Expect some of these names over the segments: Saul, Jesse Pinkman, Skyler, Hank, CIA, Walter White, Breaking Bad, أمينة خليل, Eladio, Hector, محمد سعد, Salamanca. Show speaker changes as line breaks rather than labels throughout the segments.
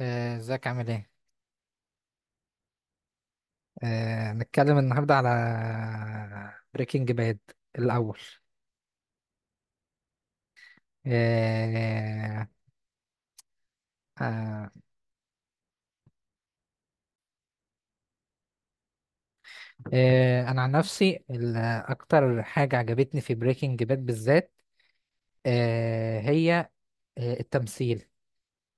ازيك عامل ايه؟ نتكلم النهارده على بريكنج باد الأول. آه، آه، أنا عن نفسي أكتر حاجة عجبتني في بريكنج باد بالذات هي التمثيل.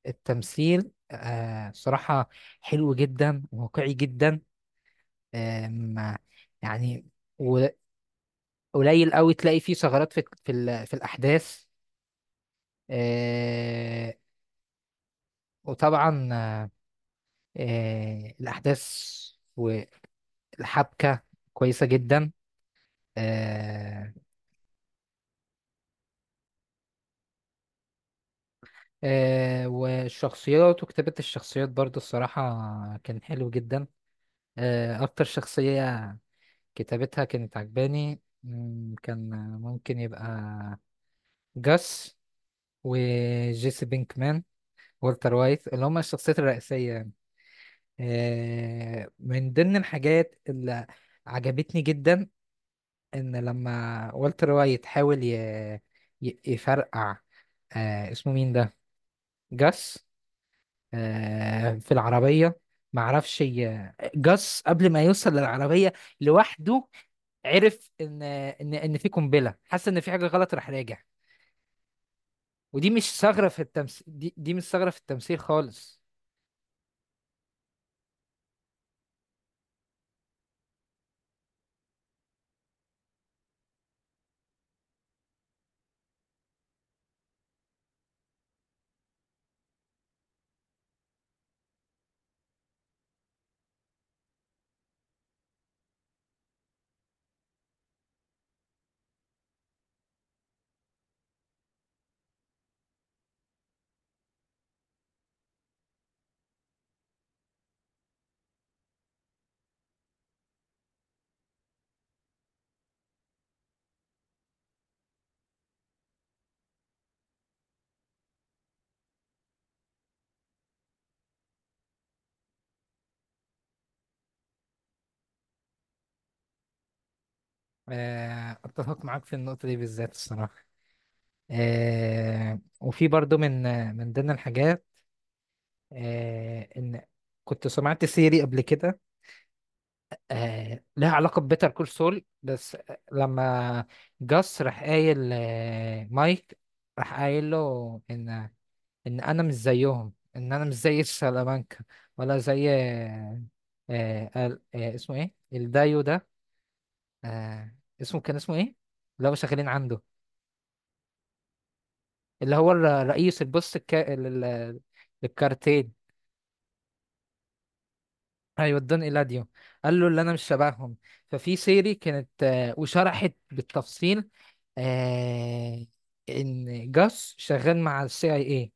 التمثيل صراحة حلو جدا، واقعي جدا. آم، يعني و- قليل قوي تلاقي فيه ثغرات في الأحداث. آه، وطبعا الأحداث والحبكة كويسة جدا. آه، والشخصيات وكتابة الشخصيات برضو الصراحة كان حلو جدا. أكتر شخصية كتابتها كانت عجباني كان ممكن يبقى جاس وجيسي بينكمان والتر وايت، اللي هما الشخصيات الرئيسية. يعني من ضمن الحاجات اللي عجبتني جدا ان لما والتر وايت حاول يفرقع. آه، اسمه مين ده؟ جاس. آه، في العربية معرفش جاس قبل ما يوصل للعربية لوحده، عرف ان ان في قنبلة، حس ان في حاجة غلط، راح راجع. ودي مش ثغرة في التمثيل، دي مش ثغرة في التمثيل خالص. آه، اتفق معاك في النقطة دي بالذات الصراحة. آه، وفي برضو من من ضمن الحاجات ان كنت سمعت سيري قبل كده، آه، لها علاقة ببيتر كول سول. بس لما جاس راح قايل مايك، راح قايل له ان ان انا مش زيهم، ان انا مش زي سلامانكا، ولا زي اسمه ايه الدايو ده؟ آه اسمه، كان اسمه ايه اللي هو شغالين عنده؟ اللي هو رئيس للكارتيل. ايوه، ادان ايلاديو. قال له اللي انا مش شبههم. ففي سيري كانت وشرحت بالتفصيل آه، ان جاس شغال مع CIA،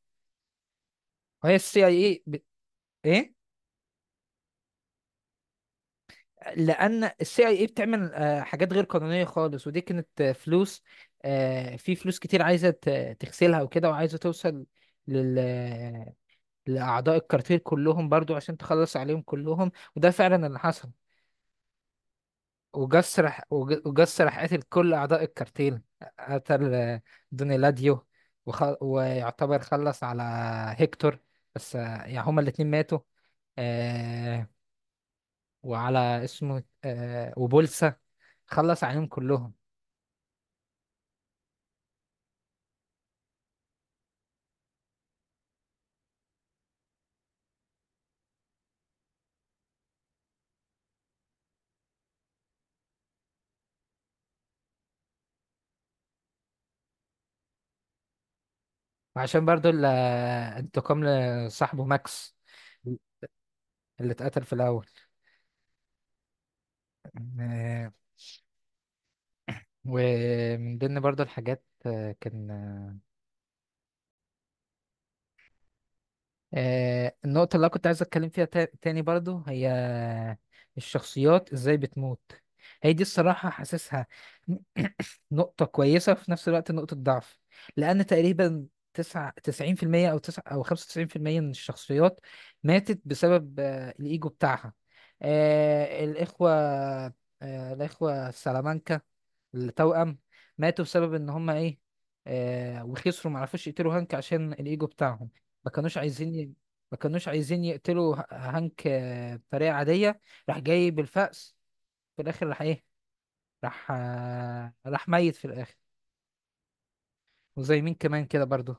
وهي CIA ايه، لان CIA بتعمل حاجات غير قانونيه خالص، ودي كانت فلوس. في فلوس كتير عايزه تغسلها وكده، وعايزه توصل لل... آه، لاعضاء الكارتيل كلهم برضو عشان تخلص عليهم كلهم، وده فعلا اللي حصل. وجس راح قتل كل أعضاء الكارتين. قتل دونيلاديو ويعتبر خلص على هيكتور. بس يعني هما الاتنين ماتوا. آه... وعلى اسمه وبولسا، خلص عليهم كلهم. وعشان برضو انتقام لصاحبه ماكس اللي اتقتل في الأول. آه... ومن ضمن برضو الحاجات كان النقطة اللي أنا كنت عايز أتكلم فيها تاني برضو هي الشخصيات إزاي بتموت. هي دي الصراحة حاسسها نقطة كويسة، في نفس الوقت نقطة ضعف. لأن تقريبا 99%، أو تسعة، أو 95% من الشخصيات ماتت بسبب الإيجو بتاعها. آه، الإخوة الإخوة السلامانكا، التوأم، ماتوا بسبب ان هم ايه، آه، وخسروا، ما عرفوش يقتلوا هانك عشان الايجو بتاعهم. ما كانوش ما كانوش عايزين يقتلوا هانك بطريقة عادية. راح جاي بالفأس، في الاخر راح ايه، راح راح ميت في الاخر. وزي مين كمان كده برضو.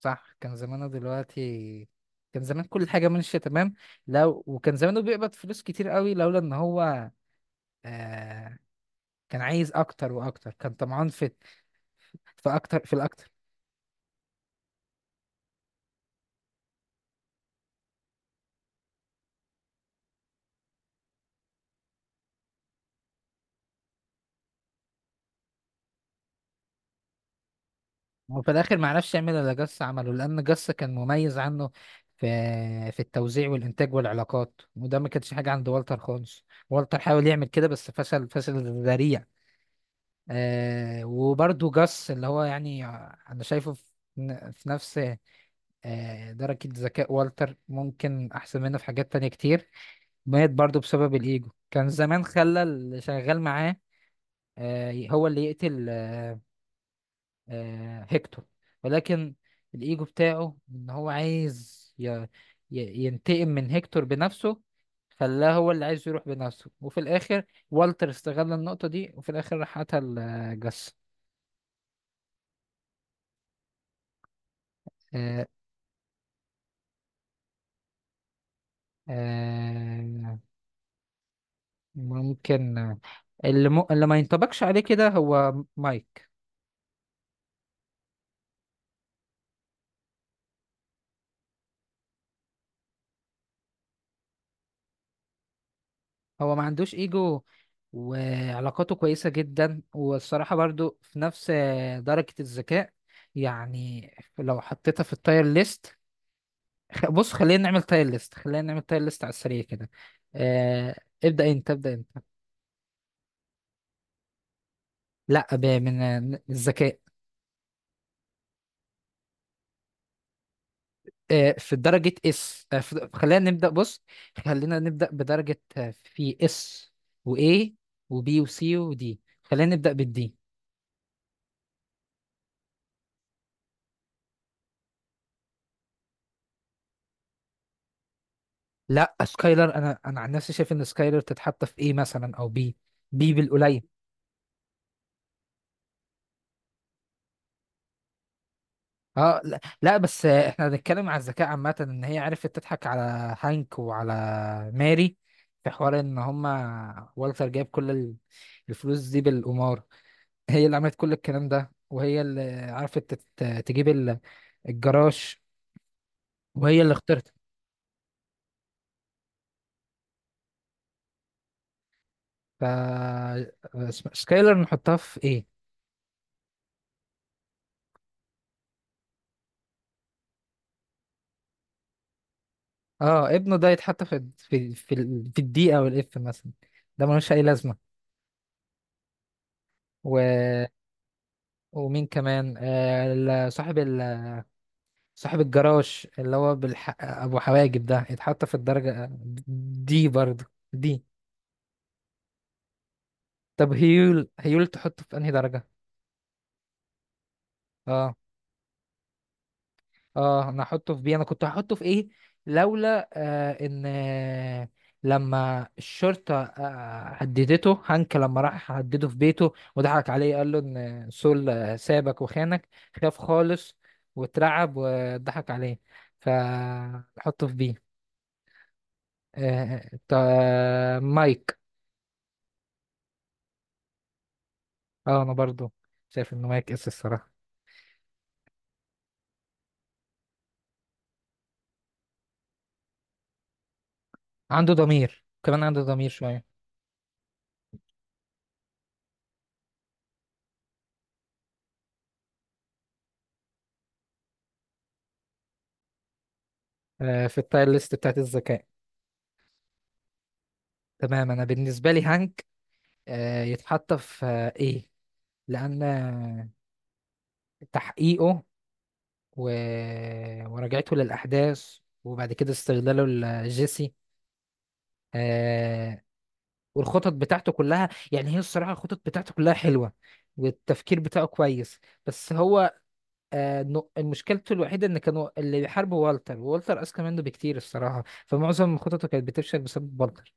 صح، كان زمانه دلوقتي كان زمان كل حاجة ماشية تمام. لو وكان زمانه بيقبض فلوس كتير قوي لولا ان هو آه... كان عايز اكتر واكتر، كان طمعان في في اكتر في الاكتر. وفي الاخر ما عرفش يعمل اللي جاس عمله، لان جاس كان مميز عنه في في التوزيع والانتاج والعلاقات، وده ما كانش حاجه عند والتر خالص. والتر حاول يعمل كده بس فشل فشل ذريع. آه، وبرده جاس، اللي هو يعني انا شايفه في نفس درجه ذكاء والتر، ممكن احسن منه في حاجات تانية كتير، مات برضه بسبب الايجو. كان زمان خلى اللي شغال معاه هو اللي يقتل هيكتور، ولكن الإيجو بتاعه إن هو عايز ينتقم من هيكتور بنفسه، خلاه هو اللي عايز يروح بنفسه، وفي الآخر والتر استغل النقطة دي وفي الآخر راح قتل جاس. آه، آه، ممكن اللي, اللي ما ينطبقش عليه كده هو مايك. هو ما عندوش إيجو، وعلاقاته كويسة جدا، والصراحة برضو في نفس درجة الذكاء. يعني لو حطيتها في التاير ليست، بص، خلينا نعمل تايل ليست، خلينا نعمل تايل ليست على السريع كده. آه، ابدأ انت، ابدأ انت. لا، من من الذكاء. آه، في درجة اس، آه، في خلينا نبدأ. بص، خلينا نبدأ بدرجة في اس واي وبي وسي ودي. خلينا نبدأ بالدي. لا، سكايلر انا انا عن نفسي شايف ان سكايلر تتحط في ايه مثلا، او بي. بي بالقليل. اه، لا, لا، بس احنا بنتكلم على الذكاء عامة. ان هي عرفت تضحك على هانك وعلى ماري، في حوار ان هما والتر جايب كل الفلوس دي بالقمار. هي اللي عملت كل الكلام ده، وهي اللي عرفت تجيب الجراج، وهي اللي اخترت. ف سكايلر نحطها في ايه؟ اه، ابنه ده يتحط في في الدي او الاف مثلا، ده ملوش اي لازمة. و... ومين كمان، صاحب، صاحب الجراج اللي هو ابو حواجب ده، يتحط في الدرجة دي برضه. دي. طب هيول، هيول تحطه في انهي درجة؟ اه. اه، انا احطه في بي. انا كنت هحطه في ايه لولا آه ان آه، لما الشرطة هددته، هانك لما راح هدده في بيته وضحك عليه قال له ان سول سابك وخانك، خاف خالص واترعب وضحك عليه، فحطه في بي. مايك. اه، انا برضو شايف انه مايك اس الصراحه. عنده ضمير كمان، عنده ضمير شويه. آه، في التاير ليست بتاعت الذكاء. تمام، انا بالنسبه لي هانك يتحط في ايه، لان تحقيقه و... وراجعته للاحداث، وبعد كده استغلاله لجيسي، آه، والخطط بتاعته كلها، يعني هي الصراحه الخطط بتاعته كلها حلوه، والتفكير بتاعه كويس. بس هو مشكلته الوحيدة إن كانوا اللي بيحاربوا والتر، والتر أذكى منه بكتير الصراحة، فمعظم خططه كانت بتفشل بسبب والتر.